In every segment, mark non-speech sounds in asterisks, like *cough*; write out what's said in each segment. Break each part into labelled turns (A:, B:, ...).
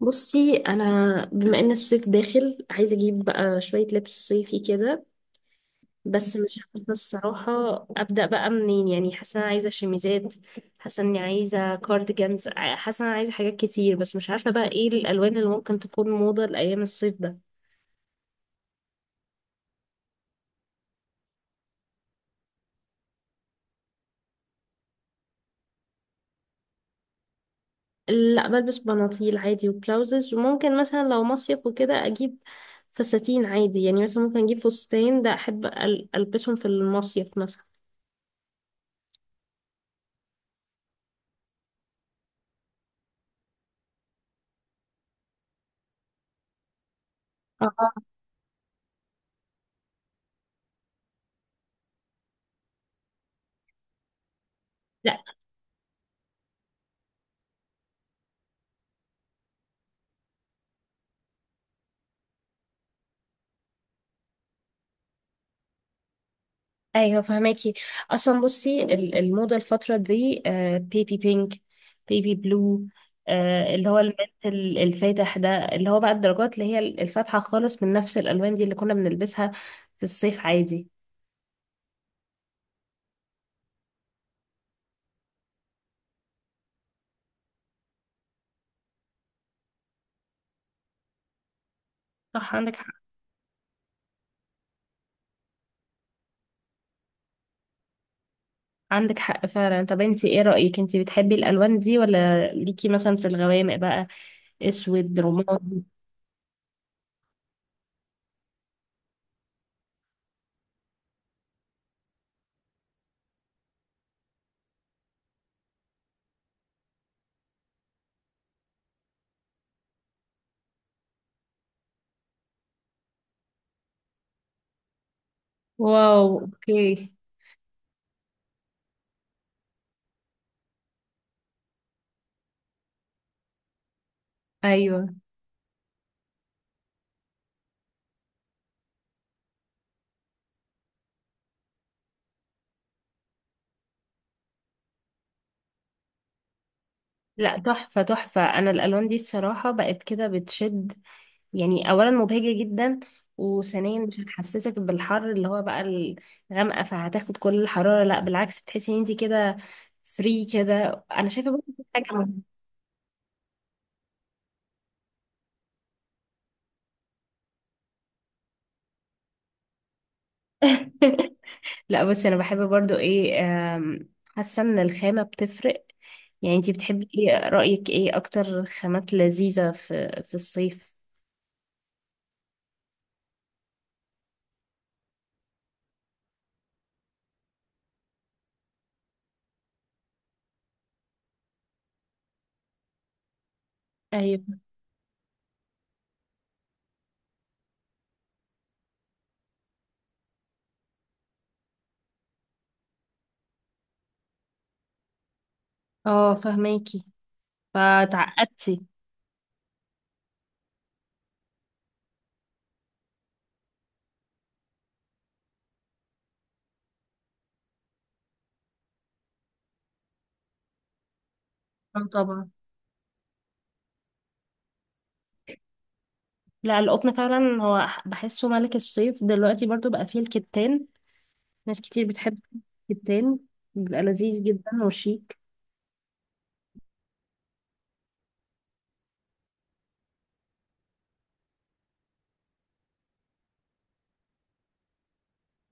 A: بصي، انا بما ان الصيف داخل عايزه اجيب بقى شويه لبس صيفي كده. بس مش عارفه الصراحه ابدا بقى منين. يعني حاسه انا عايزه شميزات، حاسه اني عايزه كارديجانز، حاسه انا عايزه حاجات كتير بس مش عارفه بقى ايه الالوان اللي ممكن تكون موضه لايام الصيف ده. لا، بلبس بناطيل عادي وبلاوزز، وممكن مثلا لو مصيف وكده اجيب فساتين عادي. يعني مثلا ممكن اجيب فستان، ده احب البسهم في المصيف مثلا. اه، ايوه فهماكي. اصلا بصي، الموضه الفتره دي بيبي بينك، بيبي بلو، اللي هو المنت الفاتح ده، اللي هو بقى الدرجات اللي هي الفاتحه خالص من نفس الالوان دي اللي كنا بنلبسها في الصيف عادي. صح عندك حق. عندك حق فعلا. طب انتي ايه رايك؟ انتي بتحبي الالوان دي ولا ليكي مثلا في الغوامق بقى؟ اسود، رمادي؟ واو، اوكي. ايوه، لا تحفه تحفه. انا الالوان دي الصراحه بقت كده بتشد. يعني اولا مبهجة جدا، وثانيا مش هتحسسك بالحر اللي هو بقى الغامقة فهتاخد كل الحرارة. لا بالعكس، بتحسي ان انت كده فري كده. انا شايفة برضه دي حاجة مهمة. *laughs* لا، بس انا بحب برضو ايه، آم، حاسة ان الخامة بتفرق. يعني انت بتحبي ايه؟ رأيك ايه اكتر خامات لذيذة في الصيف؟ ايوه، اه فهماكي. فتعقدتي؟ اه طبعا. لا القطن فعلا هو بحسه ملك الصيف. دلوقتي برضو بقى فيه الكتان، ناس كتير بتحب الكتان، بيبقى لذيذ جدا وشيك.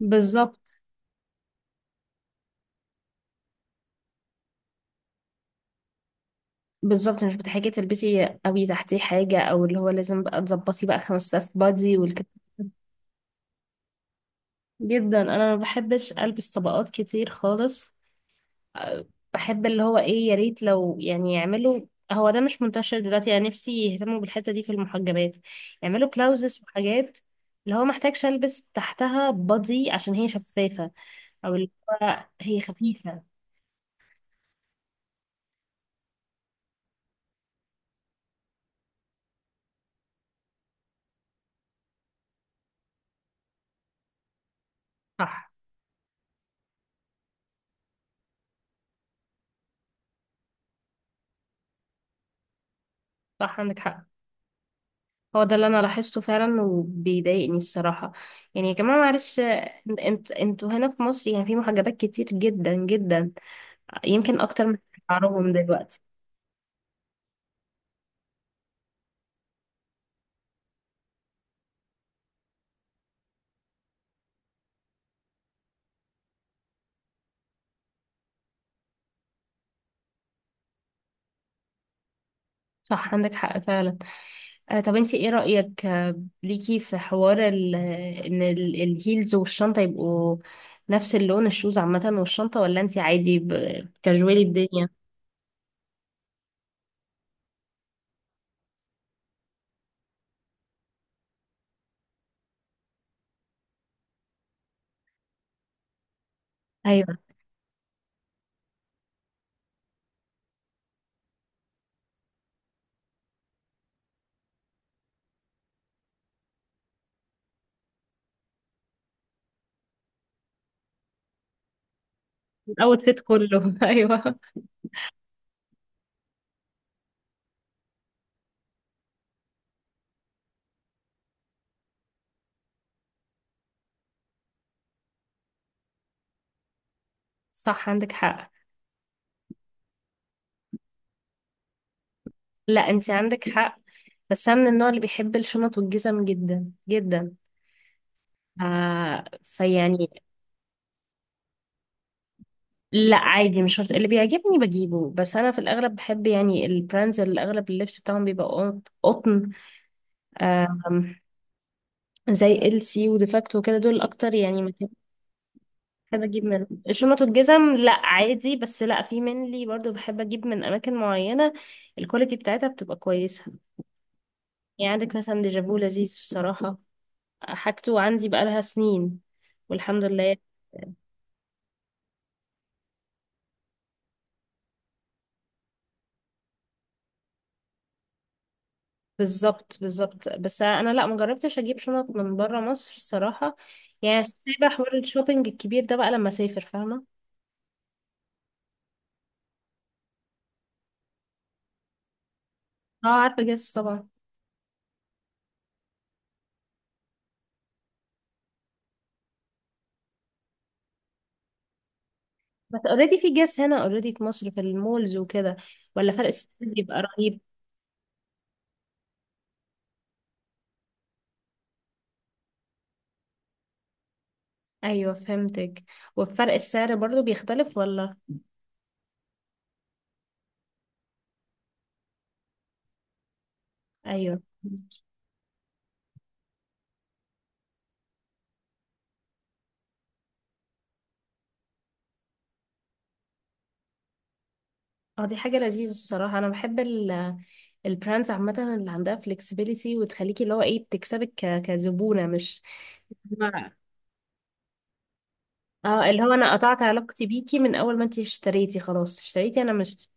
A: بالظبط بالظبط، مش بتحتاجي تلبسي قوي تحتيه حاجة، او اللي هو لازم بقى تظبطي بقى خمس صف بادي والكلام ده. جدا، انا ما بحبش البس طبقات كتير خالص. أه، بحب اللي هو ايه، يا ريت لو يعني يعملوا، هو ده مش منتشر دلوقتي، يعني نفسي يهتموا بالحتة دي في المحجبات، يعملوا بلاوزز وحاجات اللي هو محتاجش البس تحتها بادي عشان هي شفافة، او اللي هو هي خفيفة. صح، صح عندك حق. هو ده اللي انا لاحظته فعلا وبيضايقني الصراحه. يعني يا جماعه معلش، انتوا هنا في مصر يعني في محجبات كتير جدا جدا، يمكن اكتر من شعرهم دلوقتي. صح عندك حق فعلا. آه، طب انتي ايه رايك ليكي في حوار ان الهيلز والشنطه يبقوا نفس اللون، الشوز عامه والشنطه، ولا انتي عادي كاجوالي الدنيا؟ ايوه. الاوتفيت كله. *laughs* ايوه، صح عندك حق. لا انت عندك حق، بس انا من النوع اللي بيحب الشنط والجزم جدا جدا. فيعني. لا عادي، مش شرط، اللي بيعجبني بجيبه. بس انا في الاغلب بحب يعني البراندز اللي اغلب اللبس بتاعهم بيبقى قطن. آم، زي ال سي وديفاكتو وكده، دول اكتر يعني مكان بحب اجيب منهم الشنط والجزم. لا عادي، بس لا في منلي برضو بحب اجيب من اماكن معينه الكواليتي بتاعتها بتبقى كويسه. يعني عندك مثلا ديجافو، لذيذ الصراحه، حاجته عندي بقالها سنين والحمد لله. بالظبط بالظبط، بس انا لا مجربتش اجيب شنط من بره مصر الصراحه. يعني سايبه حوار الشوبينج الكبير ده بقى لما اسافر، فاهمه. اه عارفه جاس طبعا. بس اوريدي في جاس هنا، اوريدي في مصر في المولز وكده. ولا فرق السعر بيبقى رهيب؟ ايوه، فهمتك. وفرق السعر برضو بيختلف ولا؟ ايوه. اه دي حاجه لذيذه الصراحه. انا بحب البراندز عامة اللي عندها flexibility، وتخليكي اللي هو ايه بتكسبك كزبونة، مش ما- اه اللي هو انا قطعت علاقتي بيكي من اول ما انتي اشتريتي، خلاص اشتريتي انا مش،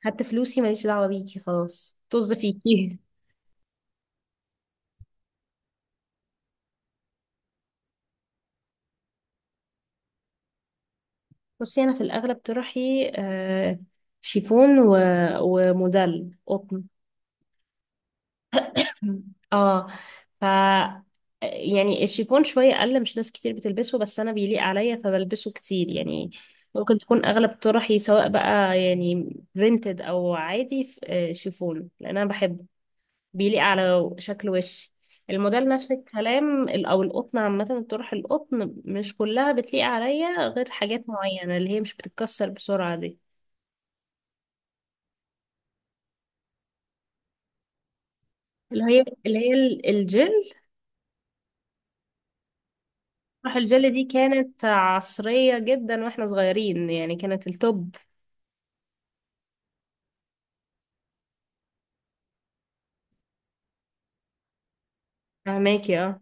A: حتى فلوسي ماليش دعوة بيكي، خلاص طز فيكي. *laughs* بصي انا في الاغلب طرحي شيفون و... وموديل قطن. اه ف يعني الشيفون شوية اقل، مش ناس كتير بتلبسه، بس انا بيليق عليا فبلبسه كتير يعني. ممكن تكون اغلب طرحي سواء بقى يعني برينتد او عادي شيفون لان انا بحبه، بيليق على شكل وشي. الموديل نفس الكلام او القطن عامه. الطرح القطن مش كلها بتليق عليا غير حاجات معينه اللي هي مش بتتكسر بسرعه دي. اللي هي الجل. طرح الجل دي كانت عصريه جدا واحنا صغيرين، يعني كانت التوب. فهماكي، اه.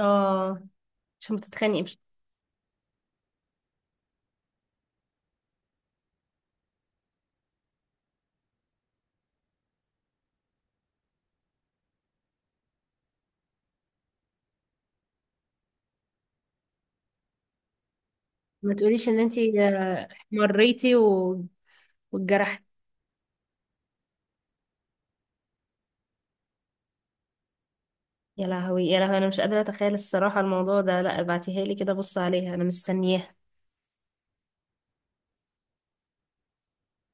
A: اه عشان ما تتخانقي بس. ما تقوليش ان انتي مريتي واتجرحتي. يا لهوي، يا لهوي، انا مش قادره اتخيل الصراحه الموضوع ده. لا ابعتيها لي، كده بص عليها، انا مستنياها.